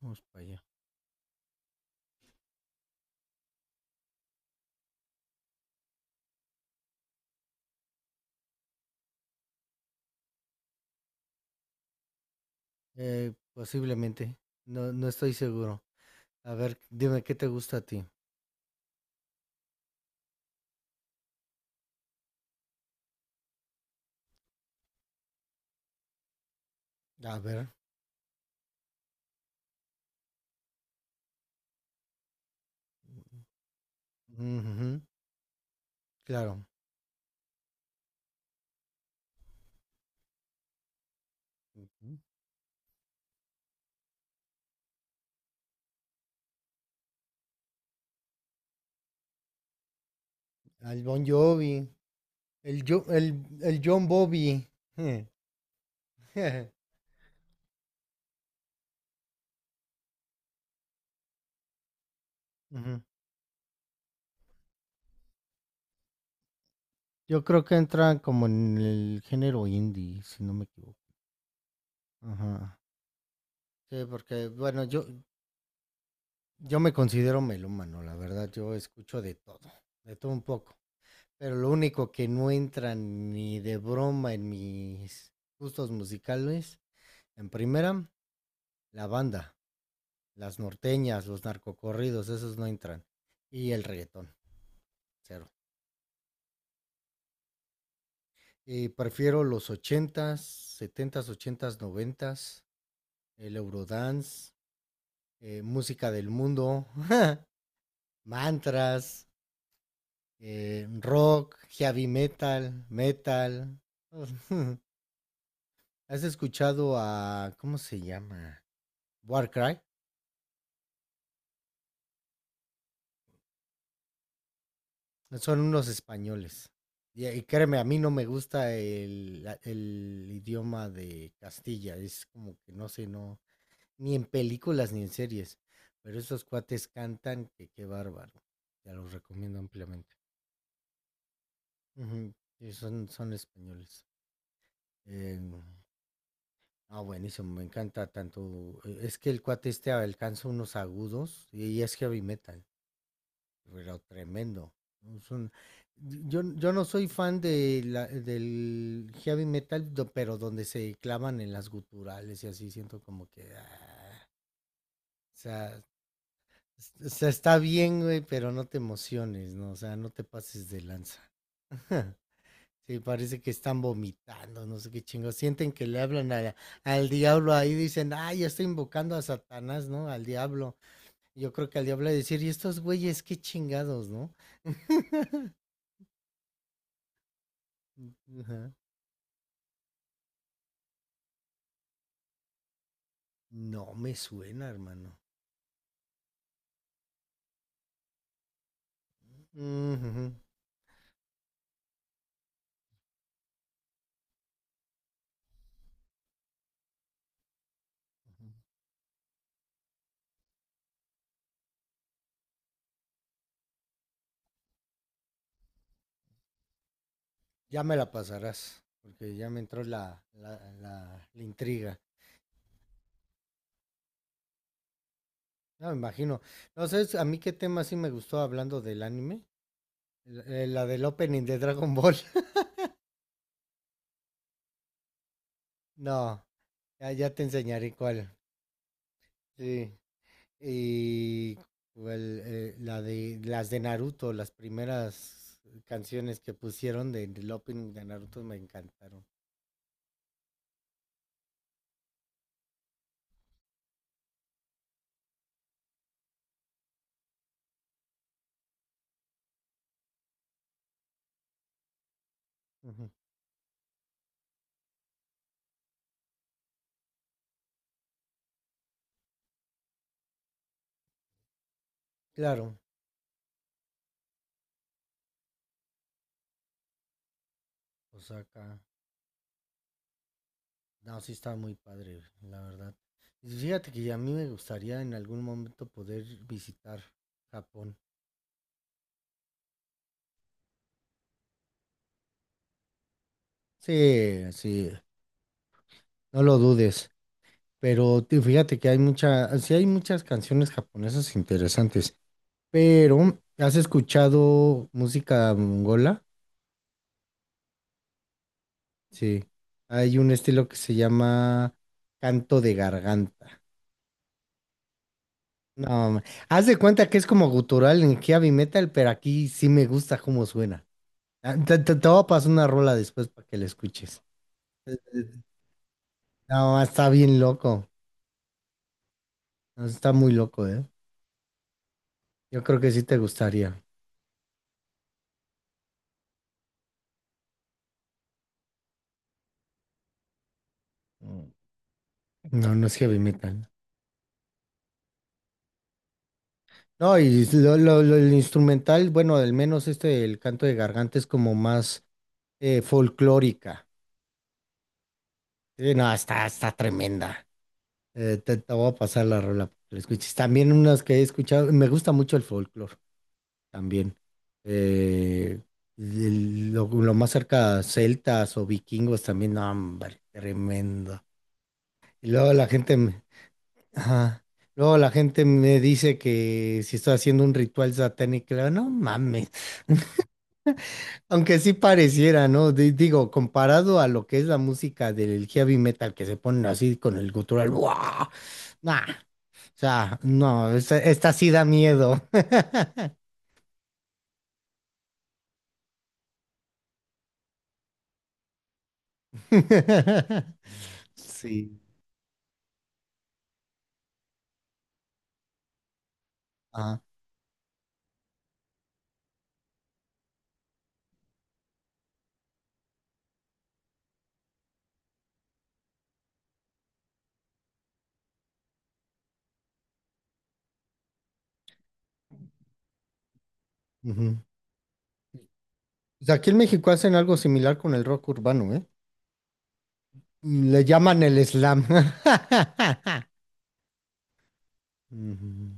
Vamos para allá. Posiblemente. No, no estoy seguro. A ver, dime qué te gusta a ti. A ver. Ujú, claro. Ujú. Al Bon Jovi, el, Jo- el, el John Bobby. Ujú. Yo creo que entra como en el género indie, si no me equivoco. Ajá. Sí, porque, bueno, yo me considero melómano, la verdad. Yo escucho de todo un poco. Pero lo único que no entra ni de broma en mis gustos musicales, en primera, la banda, las norteñas, los narcocorridos, esos no entran. Y el reggaetón, cero. Y prefiero los ochentas, setentas, ochentas, noventas, el Eurodance, música del mundo, mantras, rock, heavy metal, metal. ¿Has escuchado a, ¿cómo se llama? Warcry. Son unos españoles. Y créeme, a mí no me gusta el idioma de Castilla. Es como que no sé, no, ni en películas ni en series. Pero esos cuates cantan que qué bárbaro. Ya los recomiendo ampliamente. Ujú, sí, son, son españoles. Em, ah, buenísimo, me encanta tanto. Es que el cuate este alcanza unos agudos y es heavy metal, pero tremendo. Es un- yo no soy fan de del heavy metal, pero donde se clavan en las guturales y así siento como que... ah, o sea, o sea, está bien, güey, pero no te emociones, ¿no? O sea, no te pases de lanza. Sí, parece que están vomitando, no sé qué chingos. Sienten que le hablan al diablo ahí, dicen, ah, ya estoy invocando a Satanás, ¿no? Al diablo. Yo creo que al diablo le decir, ¿y estos güeyes qué chingados, no? Ujú. No me suena, hermano. Ujujú. Ya me la pasarás, porque ya me entró la intriga. No, me imagino. No sé, a mí qué tema sí me gustó hablando del anime. El La del opening de Dragon Ball. No, ya te enseñaré cuál. Sí. Y cuál, la de las de Naruto, las primeras canciones que pusieron del opening de Naruto me encantaron. Ujú. Claro. Osaka. No, sí está muy padre, la verdad. Y fíjate que a mí me gustaría en algún momento poder visitar Japón. Sí, sí, no lo dudes. Fíjate que hay mucha, sí hay muchas canciones japonesas interesantes. Pero, ¿has escuchado música mongola? Sí. Hay un estilo que se llama canto de garganta. No, ma-, haz de cuenta que es como gutural en heavy metal, pero aquí sí me gusta cómo suena. Ah, te voy a pasar una rola después para que la escuches. Eh, eh, No, está bien loco. No, está muy loco, ¿eh? Yo creo que sí te gustaría. Mm. No, no es heavy metal. No, y el instrumental, bueno, al menos este, el canto de garganta es como más folclórica. Sí, no, está, está tremenda. Te voy a pasar la rola para que la escuches. También unas que he escuchado, me gusta mucho el folclore también. Eh, lo más cerca, celtas o vikingos también, no, hombre, tremendo. Y luego la gente me, ajá. Luego la gente me dice que si estoy haciendo un ritual satánico, le digo, no mames. Aunque sí pareciera, ¿no? Digo, comparado a lo que es la música del heavy metal que se ponen así con el gutural, ¡guau! Nah, o sea, no, esta sí da miedo. Sí. Ah, o sea, aquí en México hacen algo similar con el rock urbano, ¿eh? Le llaman el slam. Ujú.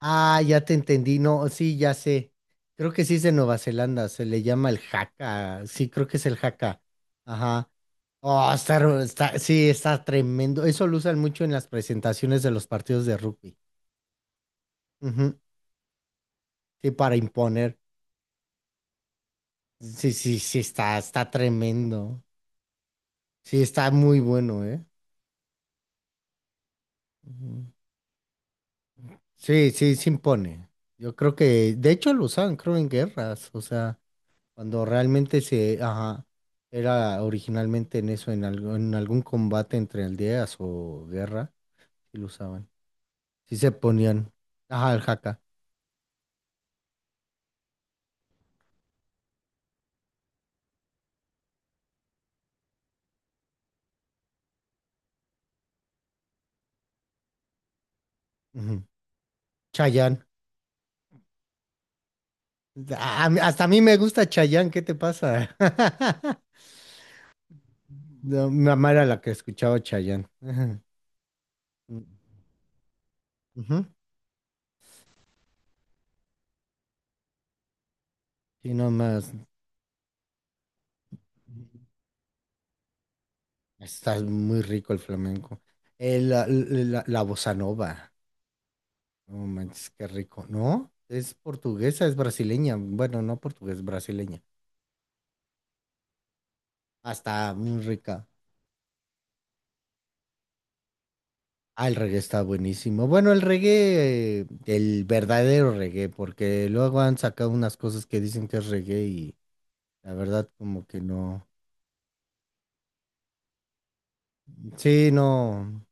Ah, ya te entendí. No, sí, ya sé. Creo que sí es de Nueva Zelanda. Se le llama el haka. Sí, creo que es el haka. Ajá. Oh, sí, está tremendo. Eso lo usan mucho en las presentaciones de los partidos de rugby. Ujú. Sí, para imponer. Sí, sí, sí, está tremendo. Sí, está muy bueno, ¿eh? Ujú. Sí, sí, se impone. Yo creo que, de hecho, lo usaban, creo, en guerras, o sea, cuando realmente se, ajá, era originalmente en eso, en algo, en algún combate entre aldeas o guerra, sí lo usaban. Sí se ponían, ajá, el jaca. Ujú. Chayán. Hasta a mí me gusta Chayán, ¿qué te pasa? No, mi mamá era la que escuchaba Chayán. Ujú. Ujú. Sí, no más. Está muy rico el flamenco. La bossa nova. No manches, qué rico. No, es portuguesa, es brasileña. Bueno, no portugués, brasileña. Ah, está muy rica. Ah, el reggae está buenísimo. Bueno, el reggae, el verdadero reggae, porque luego han sacado unas cosas que dicen que es reggae y la verdad como que no. Sí, no.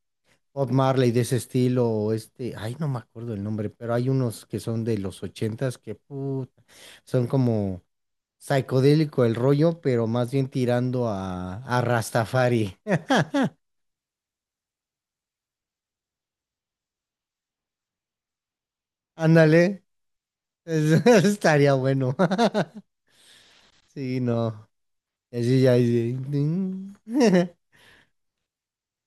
Bob Marley de ese estilo, o este, ay, no me acuerdo el nombre, pero hay unos que son de los ochentas que puta, son como psicodélico el rollo, pero más bien tirando a Rastafari. Ándale, estaría bueno. Sí, no. Así ya, así, ding.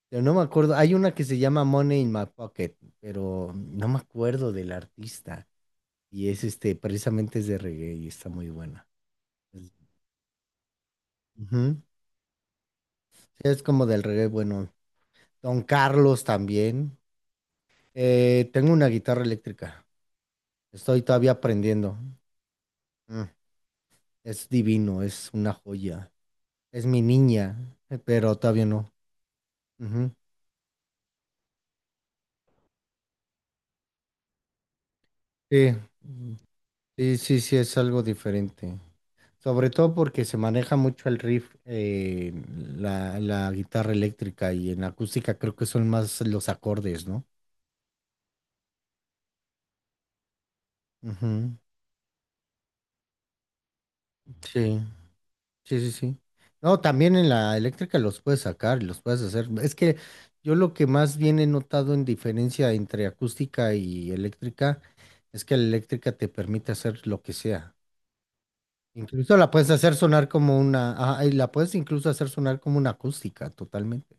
Pero no me acuerdo. Hay una que se llama Money in My Pocket, pero no me acuerdo del artista. Y es este, precisamente es de reggae y está muy buena. Es, ujú. Sí, es como del reggae, bueno. Don Carlos también. Tengo una guitarra eléctrica. Estoy todavía aprendiendo. Mm. Es divino, es una joya. Es mi niña, pero todavía no. Ujú. Sí, mm, sí, sí, sí, es algo diferente. Sobre todo porque se maneja mucho el riff, la guitarra eléctrica y en acústica creo que son más los acordes, ¿no? Ujú, sí. Sí, sí, sí. No, también en la eléctrica los puedes sacar, los puedes hacer. Es que yo lo que más bien he notado en diferencia entre acústica y eléctrica es que la eléctrica te permite hacer lo que sea. Incluso la puedes hacer sonar como una, ah, y la puedes incluso hacer sonar como una acústica totalmente.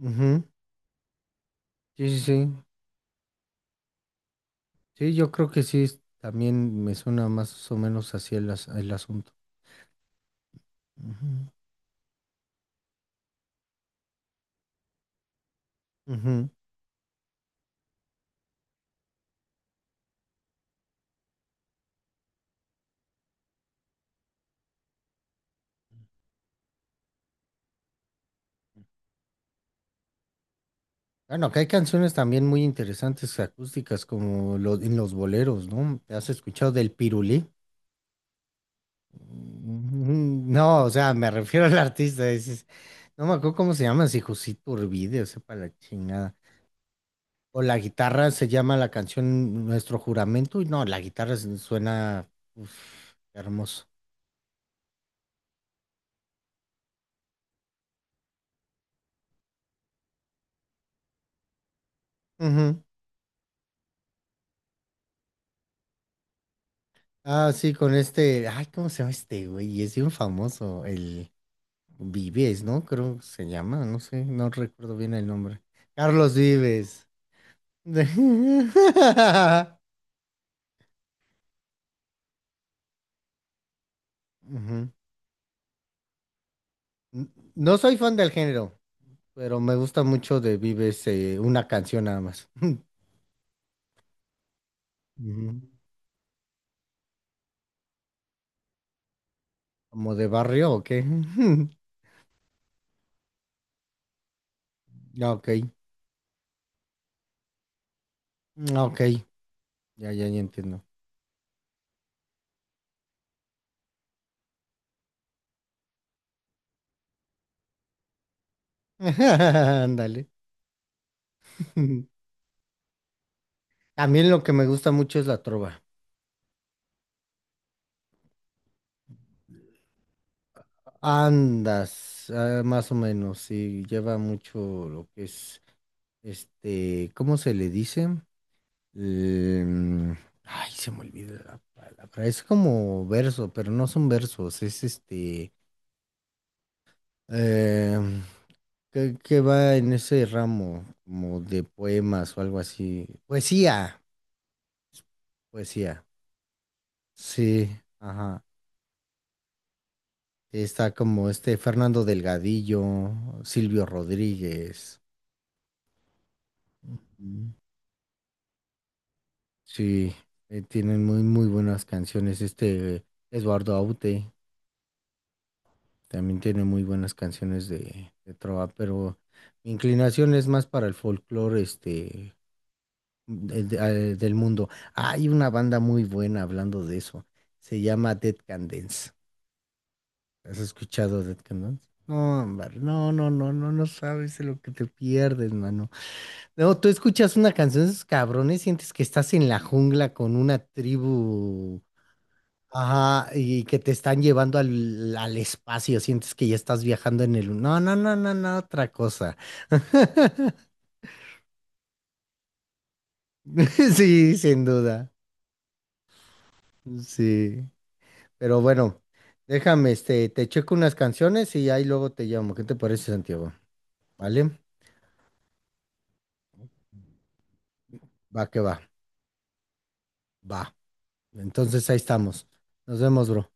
Ujú, ujú. Sí, sí, sí. Sí, yo creo que sí, también me suena más o menos así el, el asunto. Ujú, ujú. Bueno, acá hay canciones también muy interesantes acústicas como en los boleros, ¿no? ¿Te has escuchado del Pirulí? Mm, no, o sea, me refiero al artista, dices, no me acuerdo cómo se llama, si José Iturbide, o sea, para la chingada. O la guitarra se llama la canción Nuestro Juramento, y no, suena uf, hermoso. Ujú. Ah, sí, con este, ay, ¿cómo se llama este güey? Es bien famoso, Vives, ¿no? Creo que se llama, no sé, no recuerdo bien el nombre. Carlos Vives. Ujú. N- No soy fan del género, pero me gusta mucho de Vives, una canción nada más. Ujú. ¿Como de barrio o qué? Ah, ok. Ah, ok, ya entiendo. Ándale. También lo que me gusta mucho es la trova. Andas, ah, más o menos, sí, lleva mucho lo que es, este, ¿cómo se le dice? Em, Ay, se me olvida la palabra. Es como verso, pero no son versos, es este, em, que va en ese ramo, como de poemas o algo así. Poesía, sí, ajá. Está como este Fernando Delgadillo, Silvio Rodríguez. Sí, tienen muy, muy buenas canciones. Este Eduardo Aute también tiene muy buenas canciones de trova, pero mi inclinación es más para el folclore este, de- de- del mundo. Hay una banda muy buena hablando de eso. Se llama Dead Can Dance. ¿Has escuchado Dead Can Dance? No, hombre, no, no, no, no, no sabes de lo que te pierdes, mano. No, tú escuchas una canción de esos cabrones, sientes que estás en la jungla con una tribu. Ajá, y que te están llevando al espacio, sientes que ya estás viajando en el... No, no, no, no, no, otra cosa. Sí, sin duda. Sí. Pero bueno, déjame, este, te checo unas canciones y ahí luego te llamo. ¿Qué te parece, Santiago? ¿Vale? Va que va. Va. Entonces ahí estamos. Nos vemos, bro.